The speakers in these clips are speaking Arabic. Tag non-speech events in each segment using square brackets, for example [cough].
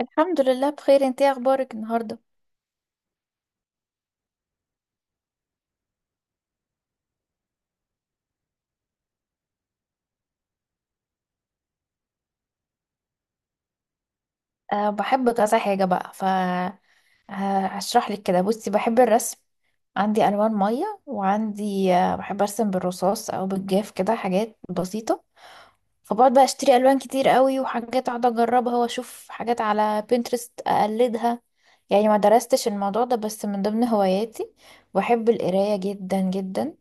الحمد لله بخير. انت ايه اخبارك النهارده؟ بحب كذا حاجه بقى. هشرح لك كده. بصي، بحب الرسم، عندي الوان ميه وعندي، بحب ارسم بالرصاص او بالجاف كده حاجات بسيطه. فبقعد بقى اشتري الوان كتير قوي وحاجات اقعد اجربها واشوف حاجات على بنترست اقلدها. يعني ما درستش الموضوع ده بس من ضمن هواياتي. بحب القرايه جدا جدا،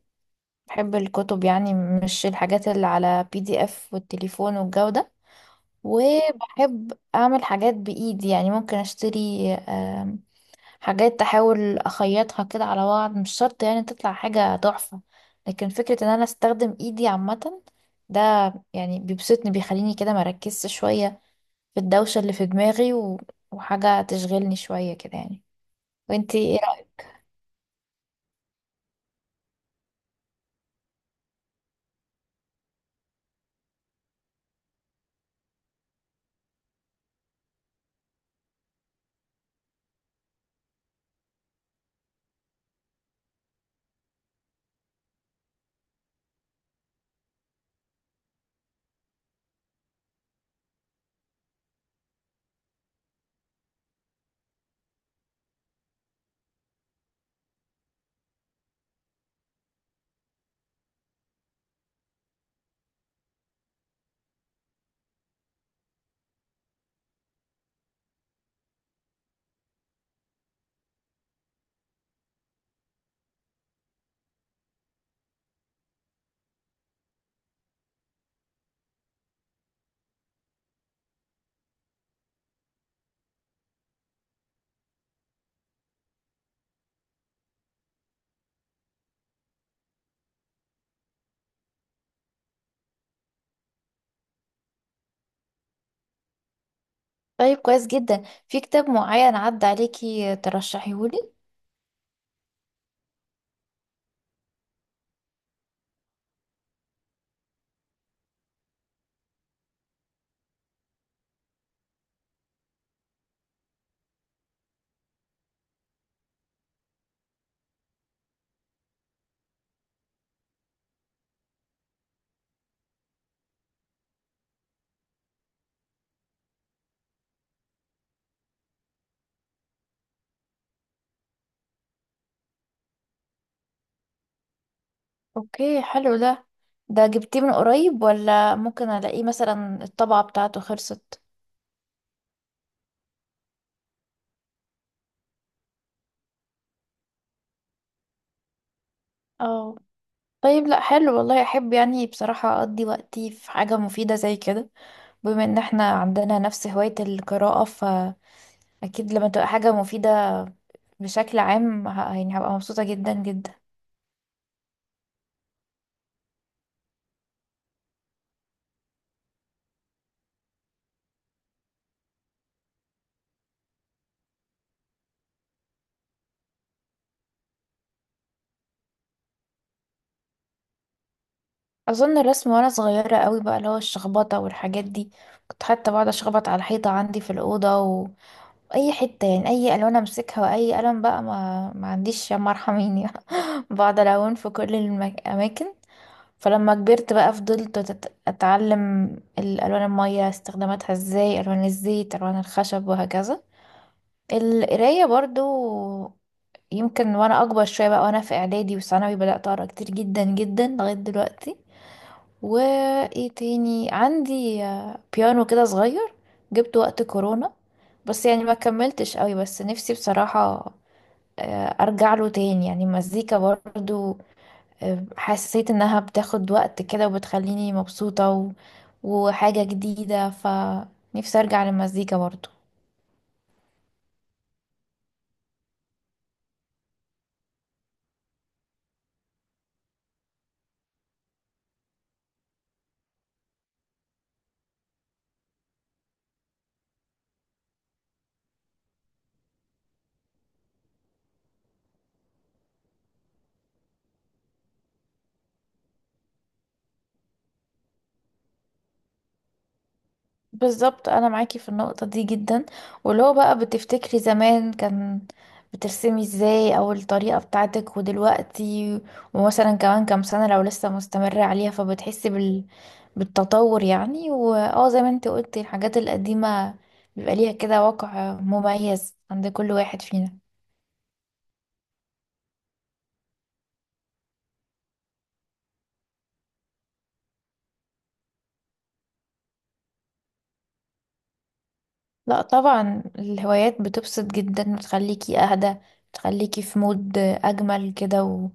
بحب الكتب، يعني مش الحاجات اللي على بي دي اف والتليفون والجو ده. وبحب اعمل حاجات بايدي، يعني ممكن اشتري حاجات احاول اخيطها كده على بعض، مش شرط يعني تطلع حاجة تحفة، لكن فكرة ان انا استخدم ايدي عامة ده يعني بيبسطني، بيخليني كده مركزش شوية في الدوشة اللي في دماغي وحاجة تشغلني شوية كده يعني. وانتي ايه رأيك؟ طيب كويس جدا. في كتاب معين عدى عليكي ترشحيهولي؟ اوكي، حلو ده. ده جبتيه من قريب ولا ممكن الاقيه، مثلا الطبعة بتاعته خلصت؟ اه. طيب لا حلو، والله احب يعني بصراحة اقضي وقتي في حاجة مفيدة زي كده. بما ان احنا عندنا نفس هواية القراءة فاكيد لما تبقى حاجة مفيدة بشكل عام يعني هبقى مبسوطة جدا جدا. أظن الرسم وأنا صغيرة قوي بقى، اللي هو الشخبطة والحاجات دي، كنت حتى بقعد أشخبط على الحيطة عندي في الأوضة، اي حته يعني، اي الوان امسكها واي قلم بقى ما عنديش، يا ارحميني. [laughs] بقعد الون في كل الاماكن. فلما كبرت بقى فضلت اتعلم الالوان الميه استخداماتها ازاي، الوان الزيت، الوان الخشب، وهكذا. القرايه برضو، يمكن وانا اكبر شويه بقى وانا في اعدادي وثانوي بدات اقرا كتير جدا جدا لغايه دلوقتي. وايه تاني عندي، بيانو كده صغير جبته وقت كورونا، بس يعني ما كملتش قوي. بس نفسي بصراحة، ارجع له تاني، يعني المزيكا برضو، حسيت انها بتاخد وقت كده وبتخليني مبسوطة وحاجة جديدة، فنفسي ارجع للمزيكا برضو. بالظبط، انا معاكي في النقطة دي جدا. ولو بقى بتفتكري زمان كان بترسمي ازاي او الطريقة بتاعتك ودلوقتي، ومثلا كمان كام سنة لو لسه مستمرة عليها، فبتحسي بالتطور يعني. واه، زي ما انت قلتي، الحاجات القديمة بيبقى ليها كده وقع مميز عند كل واحد فينا. لا طبعا، الهوايات بتبسط جدا، بتخليكي اهدى، بتخليكي في مود اجمل كده، و...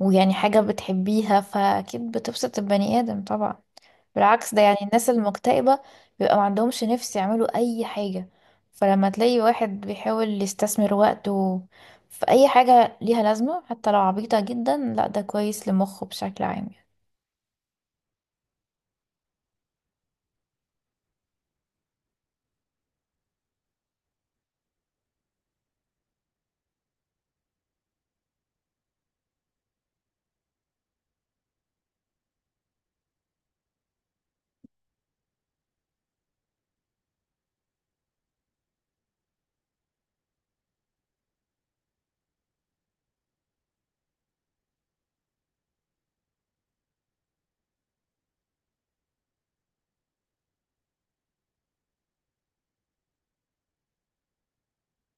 ويعني حاجة بتحبيها فاكيد بتبسط البني ادم طبعا. بالعكس، ده يعني الناس المكتئبة بيبقى ما عندهمش نفس يعملوا اي حاجة، فلما تلاقي واحد بيحاول يستثمر وقته في اي حاجة ليها لازمة حتى لو عبيطة جدا، لا ده كويس لمخه بشكل عام يعني.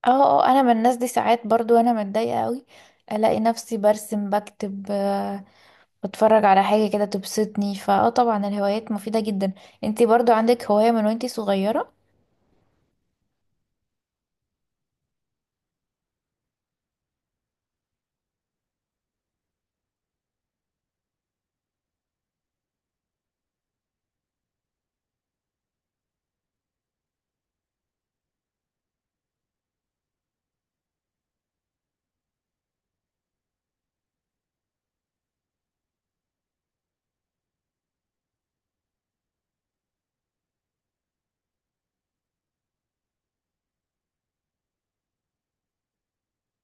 اه اه، انا من الناس دي. ساعات برضو انا متضايقة قوي الاقي نفسي برسم، بكتب، بتفرج على حاجة كده تبسطني، فاه طبعا الهوايات مفيدة جدا. انتي برضو عندك هواية من وانتي صغيرة؟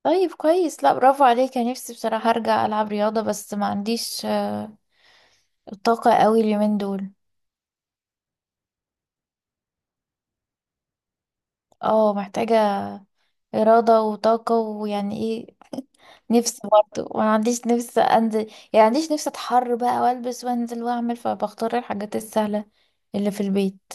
طيب كويس، لا برافو عليك. انا نفسي بصراحة ارجع العب رياضة، بس ما عنديش الطاقة قوي اليومين دول. اه، محتاجة إرادة وطاقة، ويعني ايه. نفسي برضو ما عنديش نفس انزل، يعني عنديش نفس اتحر بقى والبس وانزل واعمل، فبختار الحاجات السهلة اللي في البيت.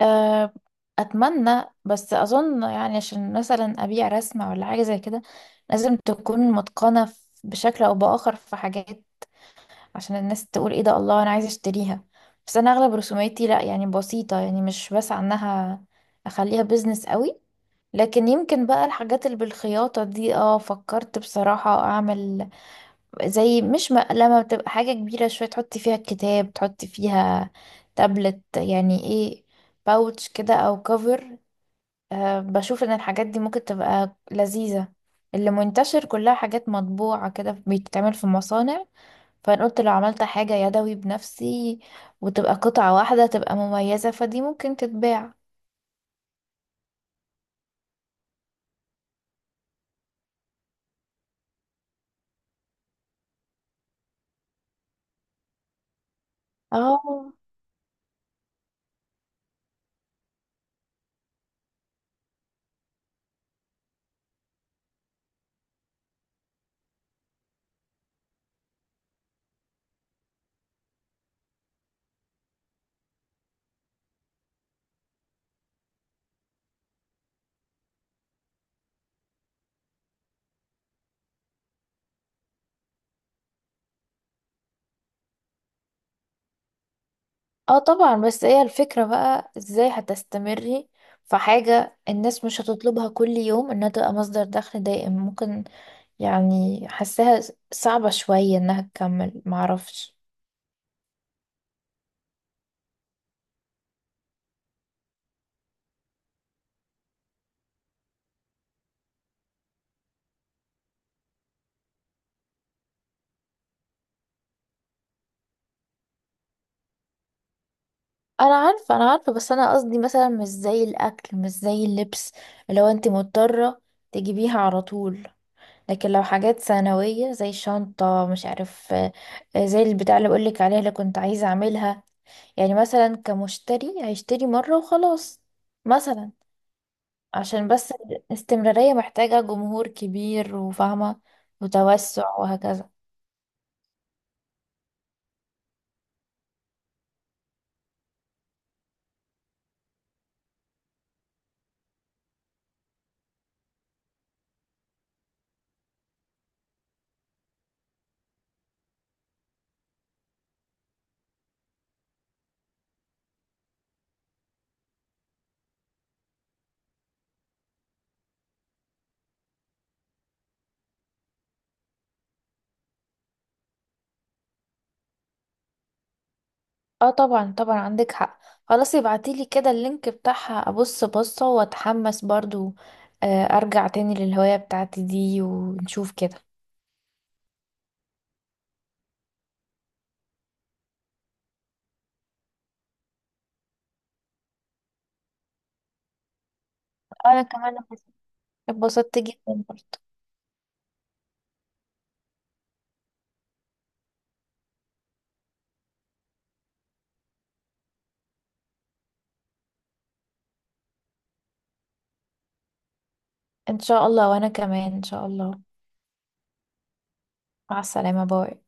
أه، اتمنى، بس اظن يعني عشان مثلا ابيع رسمة ولا حاجة زي كده لازم تكون متقنة بشكل او باخر في حاجات، عشان الناس تقول ايه ده، الله انا عايزة اشتريها. بس انا اغلب رسوماتي لا يعني بسيطة، يعني مش بسعى انها اخليها بيزنس قوي. لكن يمكن بقى الحاجات اللي بالخياطة دي، اه فكرت بصراحة اعمل زي مش مقلمة، بتبقى حاجة كبيرة شوية تحطي فيها الكتاب، تحطي فيها تابلت، يعني ايه، باوتش كده او كفر. أه، بشوف ان الحاجات دي ممكن تبقى لذيذة، اللي منتشر كلها حاجات مطبوعة كده بتتعمل في مصانع، فانا قلت لو عملت حاجة يدوي بنفسي وتبقى قطعة واحدة تبقى مميزة، فدي ممكن تتباع. اه اه طبعا. بس هي الفكرة بقى ازاي هتستمري في حاجة الناس مش هتطلبها كل يوم، انها تبقى مصدر دخل دائم ممكن، يعني حاساها صعبة شوية انها تكمل، معرفش. انا عارفة انا عارفة، بس انا قصدي مثلا مش زي الاكل مش زي اللبس لو انت مضطرة تجيبيها على طول، لكن لو حاجات ثانوية زي شنطة مش عارف، زي البتاع اللي بقولك عليها اللي كنت عايزة اعملها، يعني مثلا كمشتري هيشتري مرة وخلاص مثلا، عشان بس الاستمرارية محتاجة جمهور كبير وفاهمة وتوسع وهكذا. اه طبعا طبعا عندك حق، خلاص ابعتيلي كده اللينك بتاعها ابص بصة واتحمس برضو، ارجع تاني للهواية بتاعتي دي ونشوف كده. انا كمان اتبسطت جدا برضو. ان شاء الله، وانا كمان ان شاء الله. مع السلامة، باي.